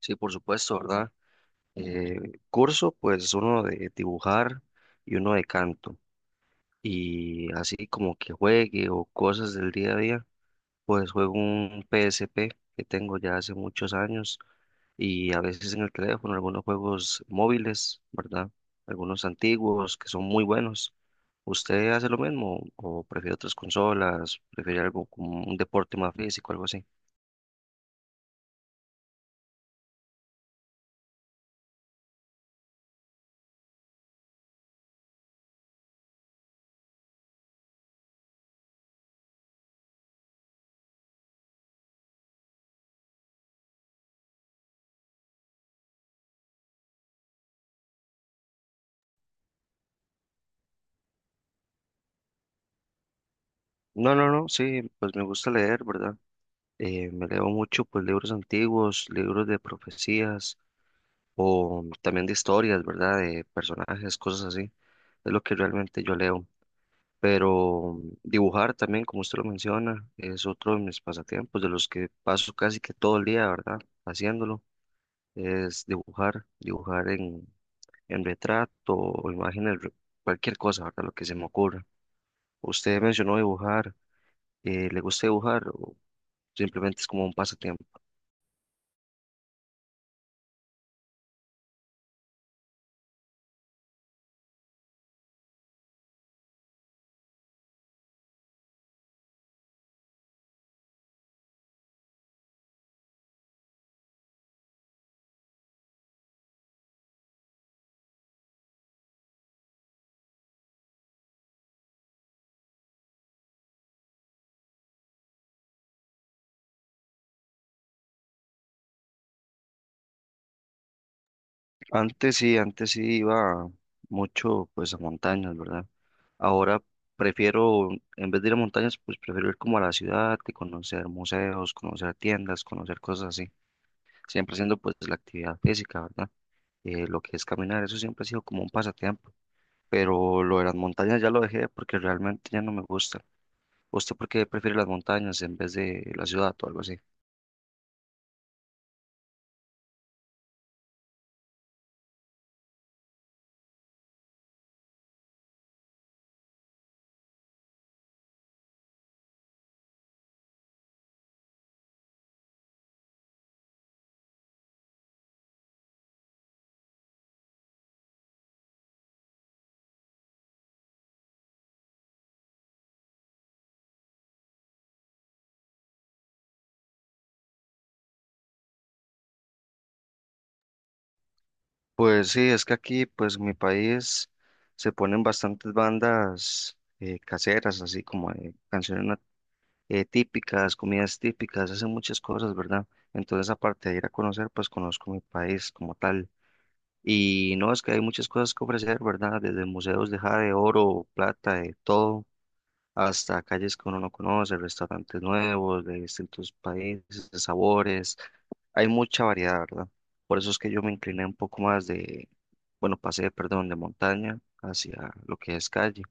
Sí, por supuesto, ¿verdad? Eh, Curso, pues uno de dibujar y uno de canto. Y así como que juegue o cosas del día a día, pues juego un PSP que tengo ya hace muchos años y a veces en el teléfono algunos juegos móviles, ¿verdad? Algunos antiguos que son muy buenos. ¿Usted hace lo mismo o prefiere otras consolas? ¿Prefiere algo como un deporte más físico, algo así? No, no, no, sí, pues me gusta leer, ¿verdad? Me leo mucho pues libros antiguos, libros de profecías o también de historias, ¿verdad? De personajes, cosas así. Es lo que realmente yo leo. Pero dibujar también, como usted lo menciona, es otro de mis pasatiempos, de los que paso casi que todo el día, ¿verdad? Haciéndolo. Es dibujar, en retrato o imágenes, cualquier cosa, ¿verdad? Lo que se me ocurra. Usted mencionó dibujar, ¿le gusta dibujar o simplemente es como un pasatiempo? Antes sí iba mucho pues a montañas, ¿verdad? Ahora prefiero, en vez de ir a montañas, pues prefiero ir como a la ciudad y conocer museos, conocer tiendas, conocer cosas así, siempre haciendo pues la actividad física, ¿verdad? Lo que es caminar, eso siempre ha sido como un pasatiempo, pero lo de las montañas ya lo dejé porque realmente ya no me gusta. ¿Usted por qué prefiere las montañas en vez de la ciudad o algo así? Pues sí, es que aquí, pues en mi país se ponen bastantes bandas caseras, así como típicas, comidas típicas, hacen muchas cosas, ¿verdad? Entonces, aparte de ir a conocer, pues conozco mi país como tal. Y no, es que hay muchas cosas que ofrecer, ¿verdad? Desde museos de jade, oro, plata, de todo, hasta calles que uno no conoce, restaurantes nuevos de distintos países, de sabores. Hay mucha variedad, ¿verdad? Por eso es que yo me incliné un poco más de bueno, pasé, perdón, de montaña hacia lo que es calle,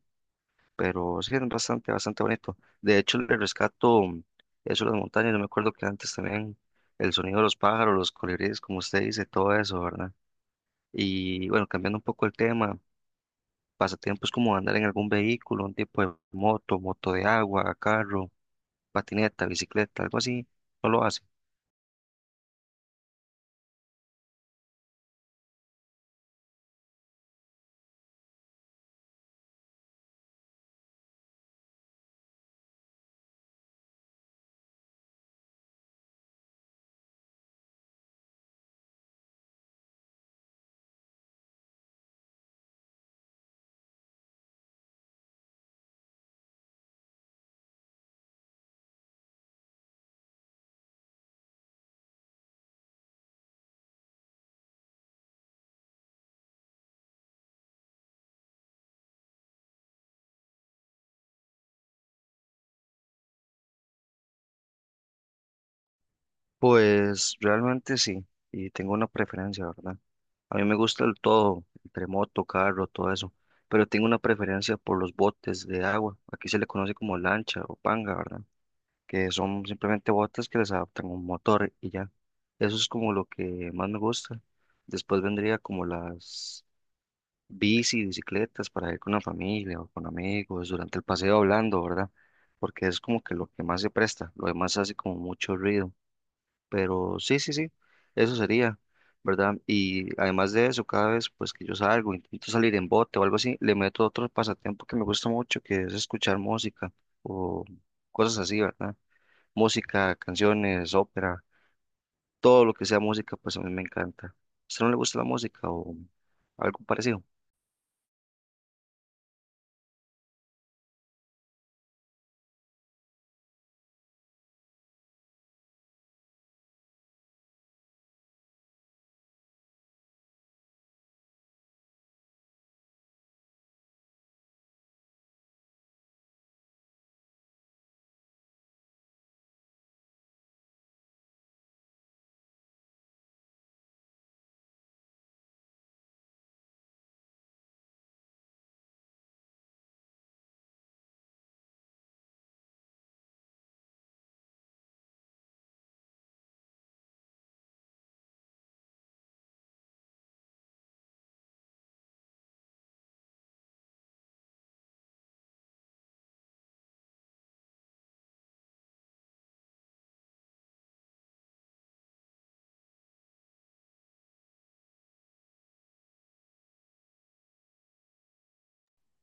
pero sí es bastante, bastante bonito. De hecho, le rescato eso de las montañas, yo me acuerdo que antes también el sonido de los pájaros, los colibríes, como usted dice, todo eso, ¿verdad? Y bueno, cambiando un poco el tema, pasatiempos como andar en algún vehículo, un tipo de moto, moto de agua, carro, patineta, bicicleta, algo así, ¿no lo hace? Pues realmente sí, y tengo una preferencia, ¿verdad? A mí me gusta el todo, entre moto, carro, todo eso, pero tengo una preferencia por los botes de agua. Aquí se le conoce como lancha o panga, ¿verdad? Que son simplemente botes que les adaptan un motor y ya. Eso es como lo que más me gusta. Después vendría como las bicicletas para ir con la familia o con amigos durante el paseo hablando, ¿verdad? Porque es como que lo que más se presta, lo demás hace como mucho ruido. Pero sí, sí, sí, eso sería, ¿verdad? Y además de eso, cada vez pues que yo salgo, intento salir en bote o algo así, le meto otro pasatiempo que me gusta mucho, que es escuchar música o cosas así, ¿verdad? Música, canciones, ópera, todo lo que sea música, pues a mí me encanta. ¿A usted no le gusta la música o algo parecido?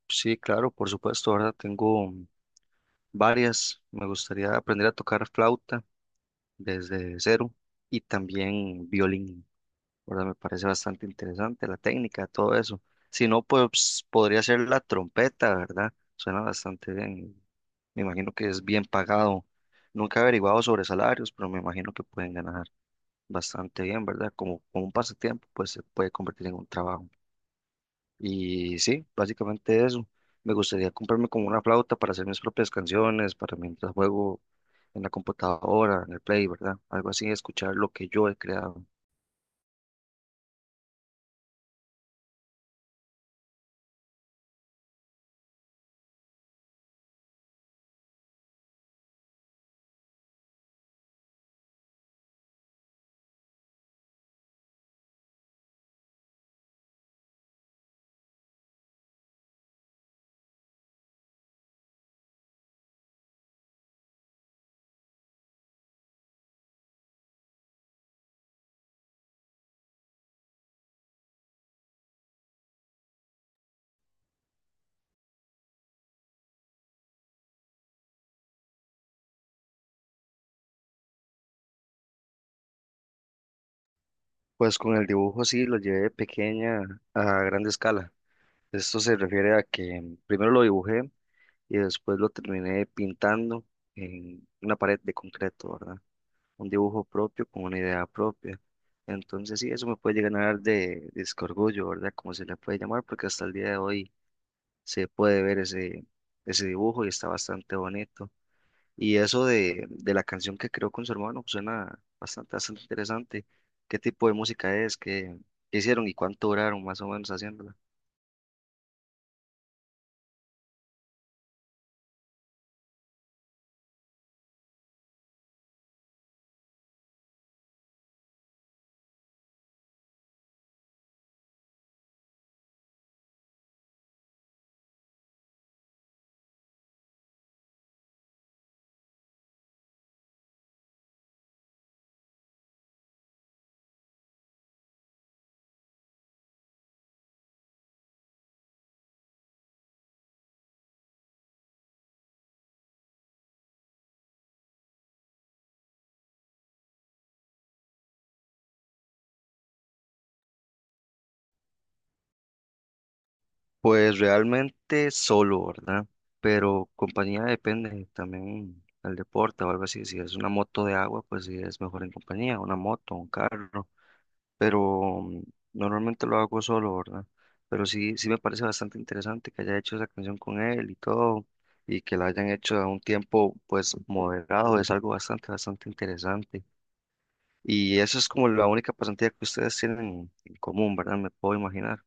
Sí, claro, por supuesto, ¿verdad? Tengo varias. Me gustaría aprender a tocar flauta desde cero y también violín. ¿Verdad? Me parece bastante interesante la técnica, todo eso. Si no, pues podría ser la trompeta, ¿verdad? Suena bastante bien. Me imagino que es bien pagado. Nunca he averiguado sobre salarios, pero me imagino que pueden ganar bastante bien, ¿verdad? Como, como un pasatiempo, pues se puede convertir en un trabajo. Y sí, básicamente eso. Me gustaría comprarme como una flauta para hacer mis propias canciones, para mientras juego en la computadora, en el Play, ¿verdad? Algo así, escuchar lo que yo he creado. Pues con el dibujo sí lo llevé de pequeña a grande escala. Esto se refiere a que primero lo dibujé y después lo terminé pintando en una pared de concreto, ¿verdad? Un dibujo propio con una idea propia. Entonces sí, eso me puede llegar a dar disco orgullo, ¿verdad? Como se le puede llamar, porque hasta el día de hoy se puede ver ese, ese dibujo y está bastante bonito. Y eso de la canción que creó con su hermano pues, suena bastante, bastante interesante. ¿Qué tipo de música es? ¿Qué hicieron y cuánto duraron más o menos haciéndola? Pues realmente solo, ¿verdad? Pero compañía depende también al deporte o algo así. Si es una moto de agua, pues sí es mejor en compañía, una moto, un carro. Pero normalmente lo hago solo, ¿verdad? Pero sí, sí me parece bastante interesante que haya hecho esa canción con él y todo, y que la hayan hecho a un tiempo pues moderado, es algo bastante, bastante interesante. Y eso es como la única pasantía que ustedes tienen en común, ¿verdad? Me puedo imaginar.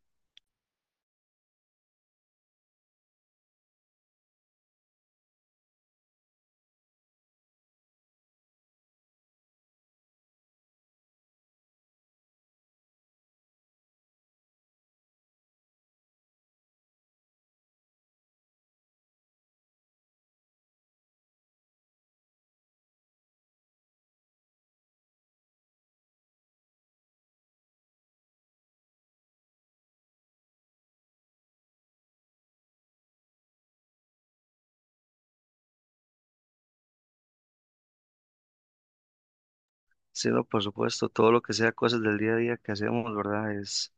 Sí, no, por supuesto, todo lo que sea cosas del día a día que hacemos, ¿verdad?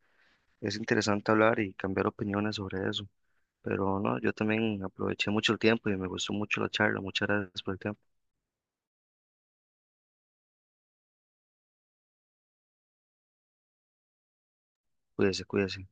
Es interesante hablar y cambiar opiniones sobre eso. Pero no, yo también aproveché mucho el tiempo y me gustó mucho la charla. Muchas gracias por el tiempo. Cuídese, cuídese.